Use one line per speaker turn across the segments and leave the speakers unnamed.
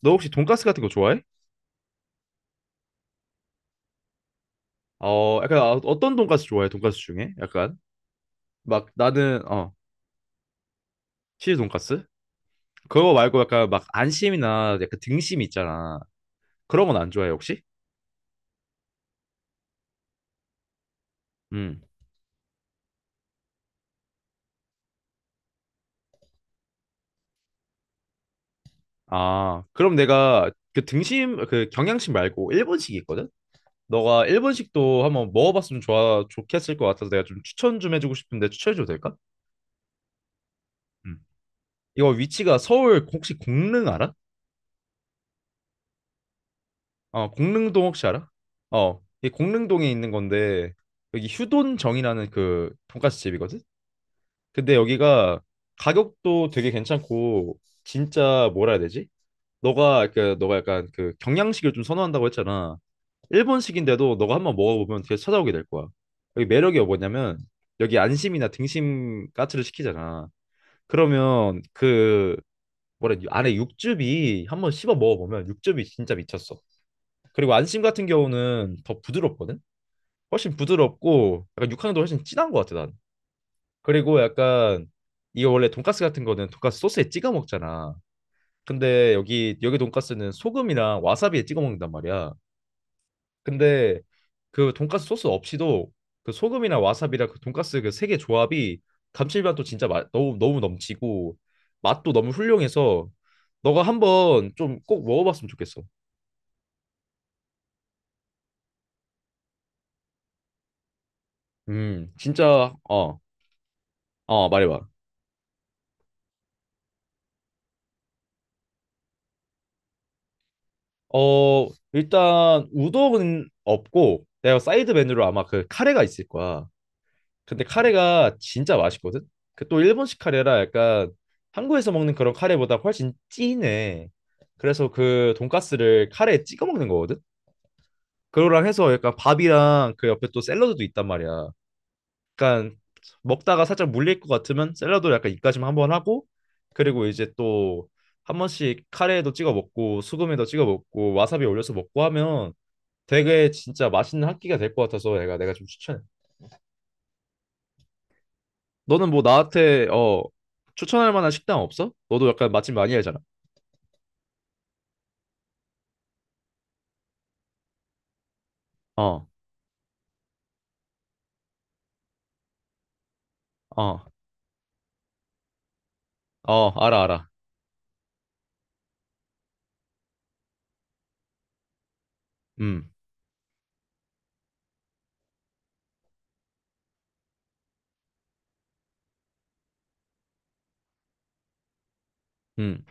너 혹시 돈가스 같은 거 좋아해? 어떤 돈가스 좋아해? 돈가스 중에? 약간 막 나는 치즈 돈가스? 그거 말고 약간 막 안심이나 약간 등심 있잖아. 그런 건 안 좋아해, 혹시? 음. 아, 그럼 내가 그 등심 그 경양식 말고 일본식이 있거든? 너가 일본식도 한번 먹어봤으면 좋아 좋겠을 것 같아서 내가 좀 추천 좀 해주고 싶은데 추천해줘도 될까? 음. 이거 위치가 서울 혹시 공릉 알아? 어, 공릉동 혹시 알아? 어, 이 공릉동에 있는 건데 여기 휴돈정이라는 그 돈까스 집이거든. 근데 여기가 가격도 되게 괜찮고 진짜 뭐라 해야 되지? 너가 약간 그 경양식을 좀 선호한다고 했잖아. 일본식인데도 너가 한번 먹어보면 계속 찾아오게 될 거야. 여기 매력이 뭐냐면 여기 안심이나 등심 까츠를 시키잖아. 그러면 그 뭐라 해야 되지? 안에 육즙이 한번 씹어 먹어보면 육즙이 진짜 미쳤어. 그리고 안심 같은 경우는 더 부드럽거든? 훨씬 부드럽고 약간 육향도 훨씬 진한 것 같아 난. 그리고 약간 이거 원래 돈까스 같은 거는 돈까스 소스에 찍어 먹잖아. 근데 여기 돈까스는 소금이랑 와사비에 찍어 먹는단 말이야. 근데 그 돈까스 소스 없이도 그 소금이나 와사비랑 그 돈까스 그 세 개 조합이 감칠맛도 진짜 맛 너무 너무 넘치고 맛도 너무 훌륭해서 너가 한번 좀 꼭 먹어봤으면 좋겠어. 진짜 어, 어, 말해봐. 어, 일단 우동은 없고 내가 사이드 메뉴로 아마 그 카레가 있을 거야. 근데 카레가 진짜 맛있거든. 그 또 일본식 카레라 약간 한국에서 먹는 그런 카레보다 훨씬 진해. 그래서 그 돈가스를 카레에 찍어 먹는 거거든. 그거랑 해서 약간 밥이랑 그 옆에 또 샐러드도 있단 말이야. 약간 먹다가 살짝 물릴 것 같으면 샐러드 약간 입가심 한번 하고 그리고 이제 또 한 번씩 카레에도 찍어 먹고 수금에도 찍어 먹고 와사비 올려서 먹고 하면 되게 진짜 맛있는 한 끼가 될 것 같아서 내가 좀 추천해. 너는 뭐 나한테 어 추천할 만한 식당 없어? 너도 약간 맛집 많이 알잖아. 어, 어, 어, 알아, 알아. 음, 음.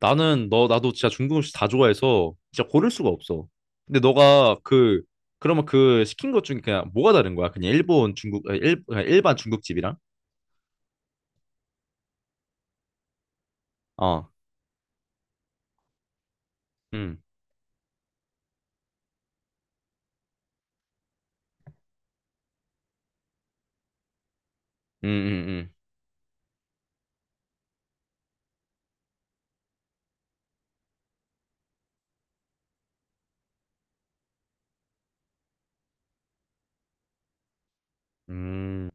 나는 너 나도 진짜 중국 음식 다 좋아해서 진짜 고를 수가 없어. 근데 너가 그 그러면 그 시킨 것 중에 그냥 뭐가 다른 거야? 그냥 일본 중국 아, 일 그냥 일반 중국집이랑? 어, 음, 음, 음, 음,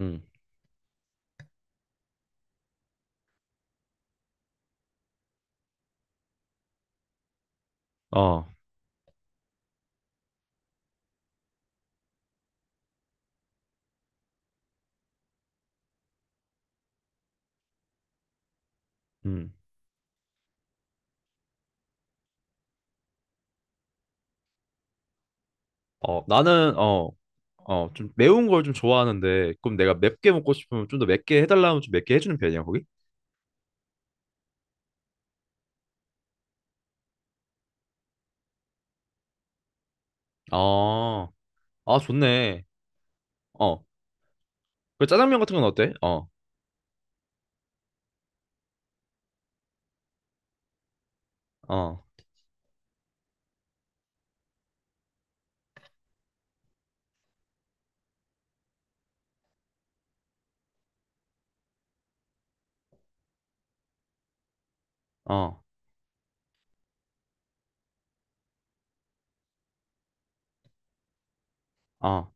음, 음, 어, 음. 어, 나는 어, 어, 좀 매운 걸 좀 좋아하는데 그럼 내가 맵게 먹고 싶으면 좀 더 맵게 해달라면 좀 맵게 해주는 편이야, 거기? 아, 아, 좋네. 어, 그 짜장면 같은 건 어때? 어, 어, 어, 어,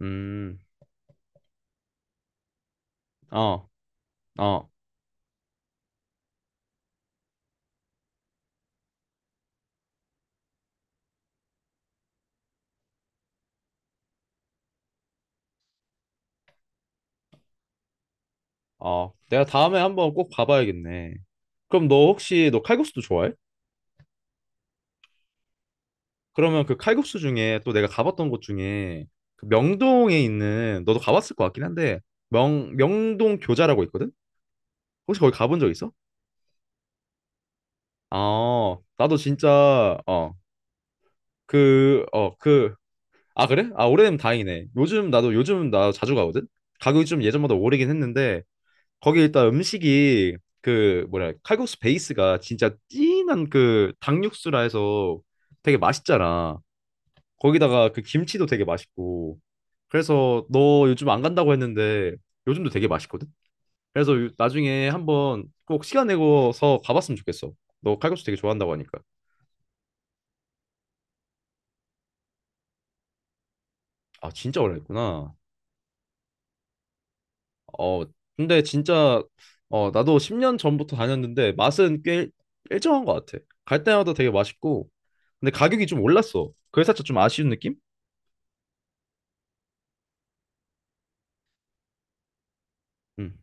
음, 어, 어, 어. 내가 다음에 한번 꼭 가봐야겠네. 그럼 너 혹시 너 칼국수도 좋아해? 그러면 그 칼국수 중에 또 내가 가봤던 곳 중에 그 명동에 있는 너도 가봤을 것 같긴 한데 명 명동 교자라고 있거든? 혹시 거기 가본 적 있어? 아, 나도 진짜 어, 그, 어, 그, 아 그래? 아 오래되면 다행이네. 요즘 나 자주 가거든. 가격이 좀 예전보다 오르긴 했는데 거기 일단 음식이 그 뭐라 해야, 칼국수 베이스가 진짜 진한 그 닭육수라 해서 되게 맛있잖아. 거기다가 그 김치도 되게 맛있고. 그래서 너 요즘 안 간다고 했는데 요즘도 되게 맛있거든. 그래서 나중에 한번 꼭 시간 내고서 가봤으면 좋겠어. 너 칼국수 되게 좋아한다고 하니까. 아, 진짜 오래 했구나. 어, 근데 진짜 어, 나도 10년 전부터 다녔는데 맛은 꽤 일정한 것 같아. 갈 때마다 되게 맛있고. 근데 가격이 좀 올랐어. 그래 살짝 좀 아쉬운 느낌? 음.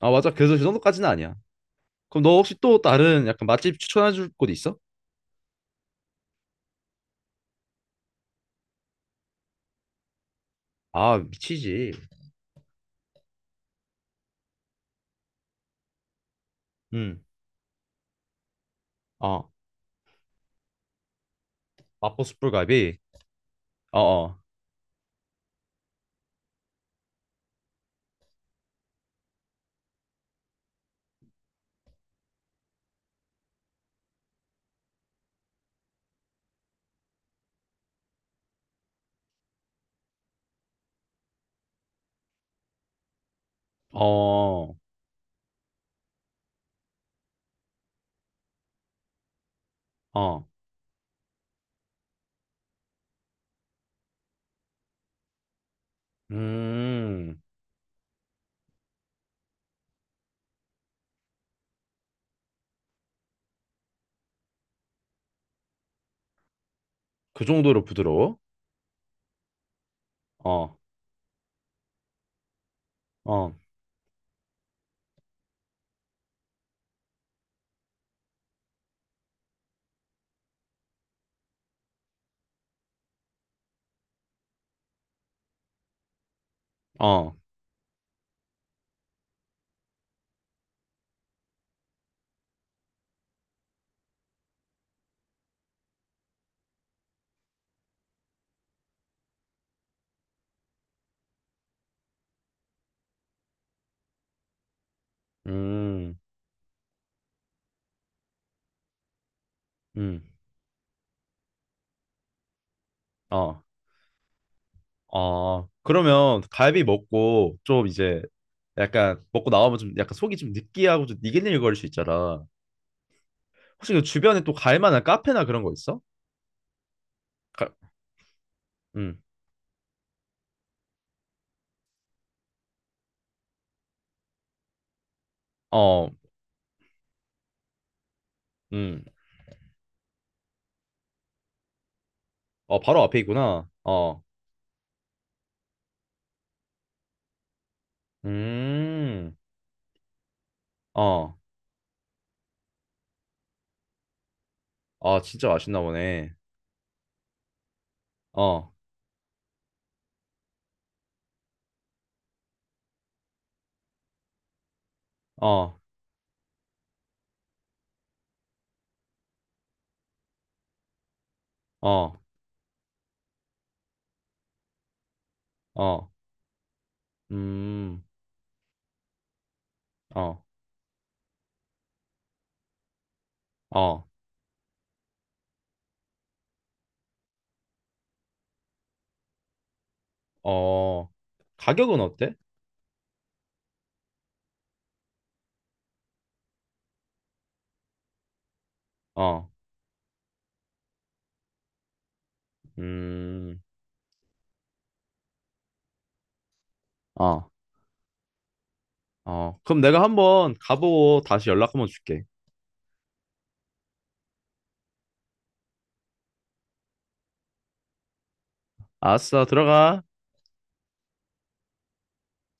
아, 맞아. 그래서 그 정도까지는 아니야. 그럼 너 혹시 또 다른 약간 맛집 추천해 줄 곳 있어? 아, 미치지. 음. 어. 마포 숯불갈비. 어, 어. 어. 어. 음. 그 정도로 부드러워? 어. 어. 어. 음. 음. 어. 아, 그러면 갈비 먹고 좀 이제 약간 먹고 나오면 좀 약간 속이 좀 느끼하고 좀 니글니글거릴 수 있잖아. 혹시 그 주변에 또 갈 만한 카페나 그런 거 있어? 가, 음, 어, 음, 어, 바로 앞에 있구나. 어, 음, 어, 아, 진짜 맛있나 보네. 어, 어, 어, 어, 음, 어, 어, 어, 가격은 어때? 어, 음, 어, 어, 그럼 내가 한번 가보고 다시 연락 한번 줄게. 알았어, 들어가.